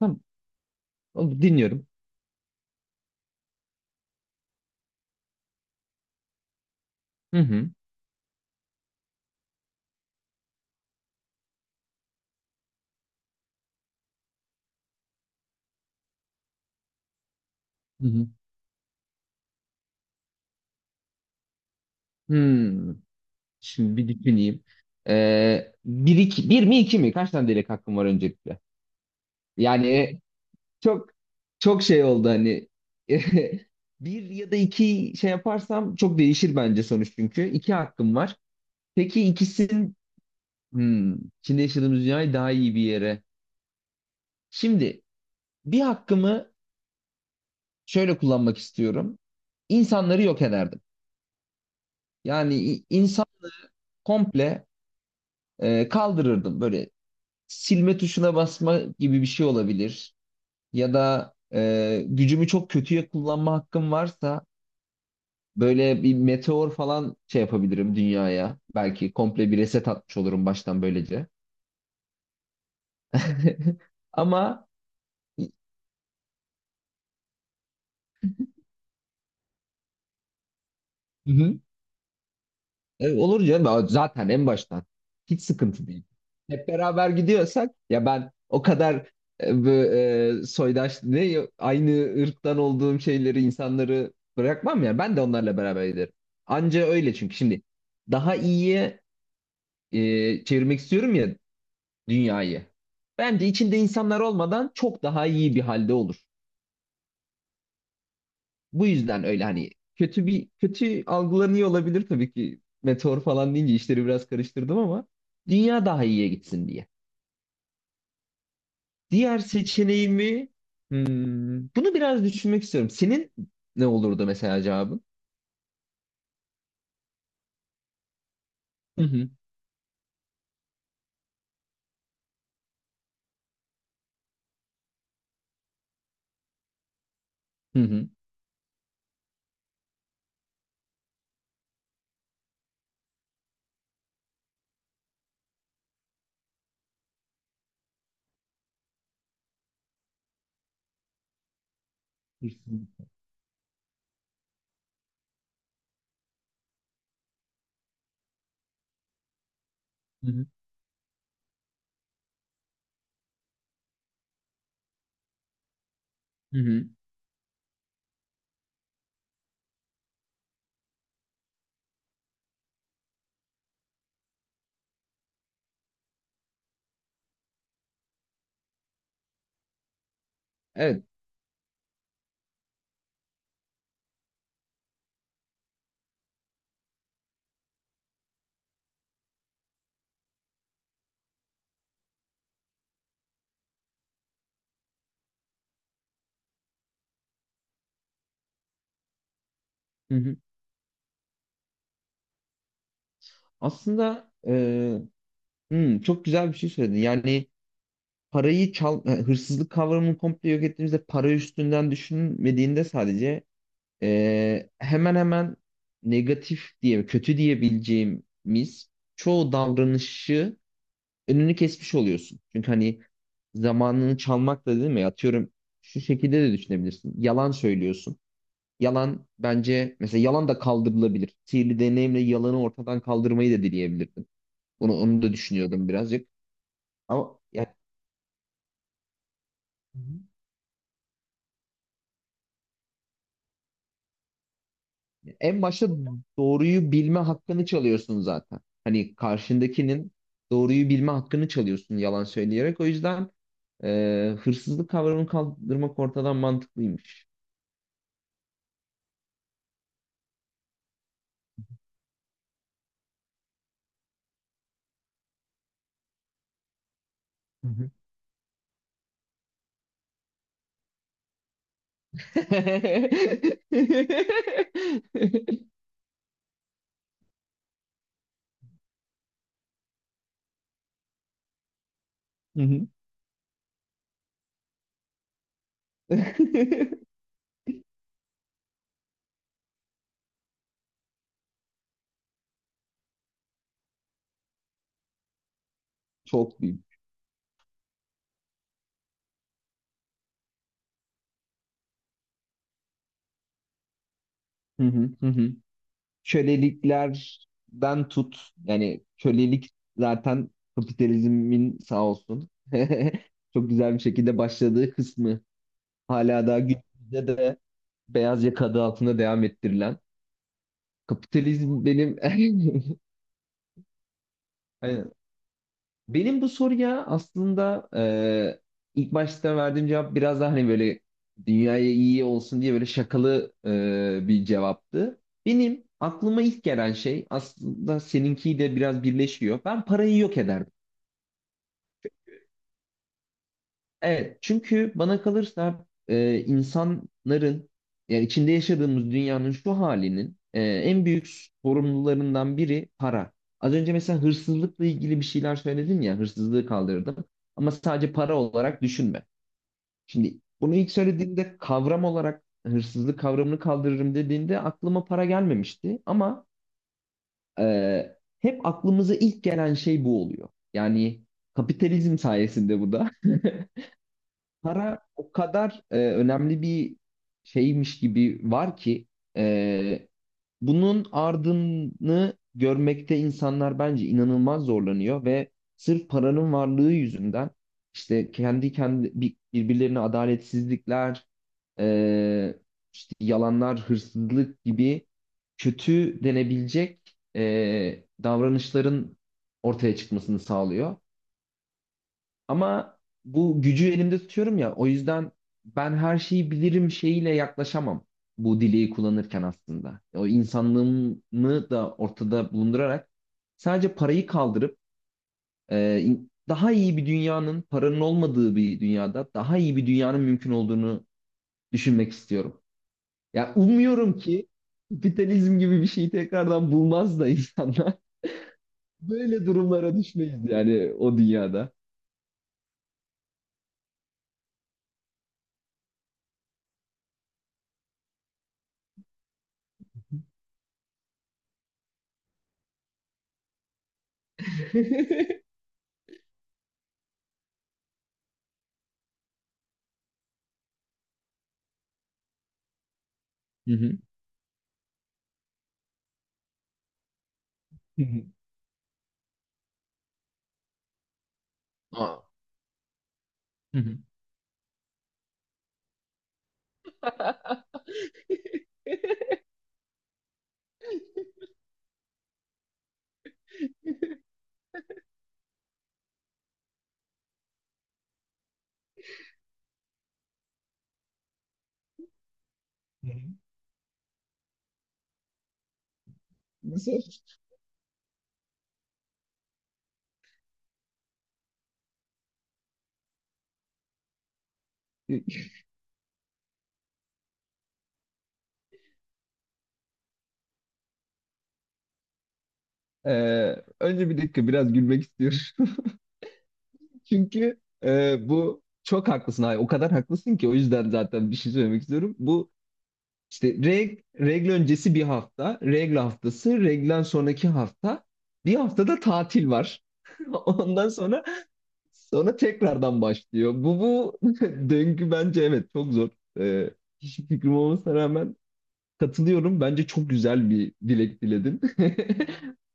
Tamam. Oldu, dinliyorum. Hı hı. Hı hı. Hmm. Şimdi bir düşüneyim. Bir, iki, bir mi iki mi? Kaç tane dilek hakkım var öncelikle? Yani çok şey oldu hani, bir ya da iki şey yaparsam çok değişir bence sonuç çünkü. İki hakkım var. Peki ikisinin, hmm, içinde yaşadığımız dünyayı daha iyi bir yere. Şimdi bir hakkımı şöyle kullanmak istiyorum. İnsanları yok ederdim. Yani insan komple kaldırırdım. Böyle silme tuşuna basma gibi bir şey olabilir. Ya da gücümü çok kötüye kullanma hakkım varsa böyle bir meteor falan şey yapabilirim dünyaya. Belki komple bir reset atmış olurum baştan böylece. Ama hı hı. E, olur canım. Ama zaten en baştan hiç sıkıntı değil. Hep beraber gidiyorsak, ya ben o kadar soydaş ne aynı ırktan olduğum şeyleri, insanları bırakmam, ya ben de onlarla beraber giderim. Anca öyle, çünkü şimdi daha iyiye çevirmek istiyorum ya dünyayı. Bence içinde insanlar olmadan çok daha iyi bir halde olur. Bu yüzden öyle hani, kötü bir kötü algılanıyor olabilir tabii ki meteor falan deyince, işleri biraz karıştırdım ama dünya daha iyiye gitsin diye. Diğer seçeneğimi, bunu biraz düşünmek istiyorum. Senin ne olurdu mesela cevabın? Hı hı, hı hı. Hı hı. Hı hı. Evet. Hı hı. Aslında çok güzel bir şey söyledin. Yani parayı çal, hırsızlık kavramını komple yok ettiğimizde, para üstünden düşünmediğinde sadece, hemen hemen negatif diye, kötü diyebileceğimiz çoğu davranışı önünü kesmiş oluyorsun. Çünkü hani, zamanını çalmak da değil mi? Atıyorum, şu şekilde de düşünebilirsin. Yalan söylüyorsun. Yalan bence, mesela yalan da kaldırılabilir. Sihirli deneyimle yalanı ortadan kaldırmayı da dileyebilirdin. Onu da düşünüyordum birazcık. Ama ya, en başta doğruyu bilme hakkını çalıyorsun zaten. Hani karşındakinin doğruyu bilme hakkını çalıyorsun yalan söyleyerek. O yüzden hırsızlık kavramını kaldırmak ortadan mantıklıymış. Hı hı. Hı hı. Çok büyük. Hı hı, hı hı. Köleliklerden tut. Yani kölelik zaten kapitalizmin sağ olsun. Çok güzel bir şekilde başladığı kısmı. Hala daha günümüzde de beyaz yaka adı altında devam ettirilen. Kapitalizm benim. Aynen. Benim bu soruya aslında ilk başta verdiğim cevap biraz daha hani böyle dünyaya iyi olsun diye böyle şakalı bir cevaptı. Benim aklıma ilk gelen şey, aslında seninki de biraz birleşiyor. Ben parayı yok ederdim. Evet, çünkü bana kalırsa insanların, yani içinde yaşadığımız dünyanın şu halinin en büyük sorumlularından biri para. Az önce mesela hırsızlıkla ilgili bir şeyler söyledin ya, hırsızlığı kaldırdım. Ama sadece para olarak düşünme. Şimdi bunu ilk söylediğimde, kavram olarak hırsızlık kavramını kaldırırım dediğinde aklıma para gelmemişti. Ama hep aklımıza ilk gelen şey bu oluyor. Yani kapitalizm sayesinde bu da. Para o kadar önemli bir şeymiş gibi var ki, e, bunun ardını görmekte insanlar bence inanılmaz zorlanıyor ve sırf paranın varlığı yüzünden, işte kendi birbirlerine adaletsizlikler, e, işte yalanlar, hırsızlık gibi kötü denebilecek davranışların ortaya çıkmasını sağlıyor. Ama bu gücü elimde tutuyorum ya, o yüzden ben her şeyi bilirim şeyiyle yaklaşamam bu dileği kullanırken aslında. O insanlığımı da ortada bulundurarak, sadece parayı kaldırıp daha iyi bir dünyanın, paranın olmadığı bir dünyada daha iyi bir dünyanın mümkün olduğunu düşünmek istiyorum. Ya umuyorum ki kapitalizm gibi bir şeyi tekrardan bulmaz da insanlar, böyle durumlara düşmeyiz yani o dünyada. Hı hı. Hı hı. Aa. Hı hı. Hı hı. Nasıl? Önce bir dakika biraz gülmek istiyorum. Çünkü bu, çok haklısın. Hayır, o kadar haklısın ki, o yüzden zaten bir şey söylemek istiyorum. Bu işte regl öncesi bir hafta, regl haftası, reglen sonraki hafta. Bir haftada tatil var. Ondan sonra tekrardan başlıyor. Bu döngü bence evet çok zor. Eee hiçbir fikrim olmasına rağmen katılıyorum. Bence çok güzel bir dilek diledin.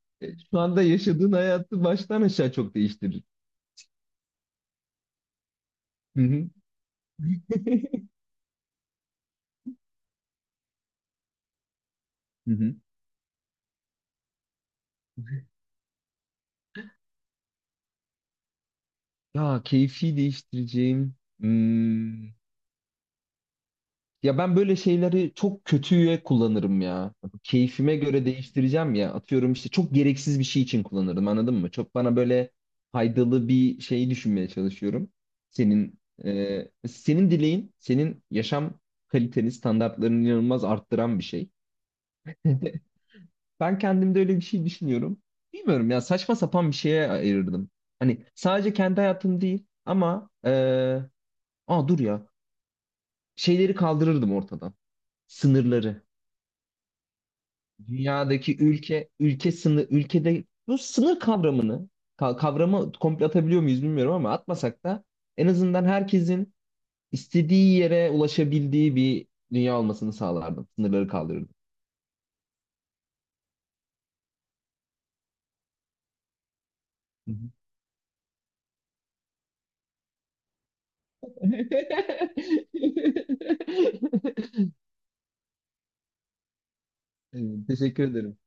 Şu anda yaşadığın hayatı baştan aşağı çok değiştirir. Hı hı. Hı hı. Ya keyfi değiştireceğim. Hmm. Ya ben böyle şeyleri çok kötüye kullanırım ya. Keyfime göre değiştireceğim ya. Atıyorum işte çok gereksiz bir şey için kullanırım, anladın mı? Çok bana böyle faydalı bir şey düşünmeye çalışıyorum. Senin senin dileğin, senin yaşam kaliteni, standartlarını inanılmaz arttıran bir şey. Ben kendimde öyle bir şey düşünüyorum. Bilmiyorum ya, saçma sapan bir şeye ayırırdım. Hani sadece kendi hayatım değil ama aa dur ya, şeyleri kaldırırdım ortadan. Sınırları. Dünyadaki ülke ülke sınır, ülkede bu sınır kavramını kavramı komple atabiliyor muyuz bilmiyorum ama atmasak da en azından herkesin istediği yere ulaşabildiği bir dünya olmasını sağlardım. Sınırları kaldırırdım. Hı hı. Evet, teşekkür ederim.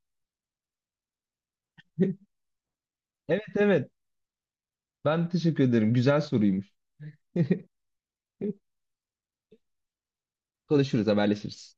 Evet, evet. Ben teşekkür ederim. Güzel soruymuş. Konuşuruz, haberleşiriz.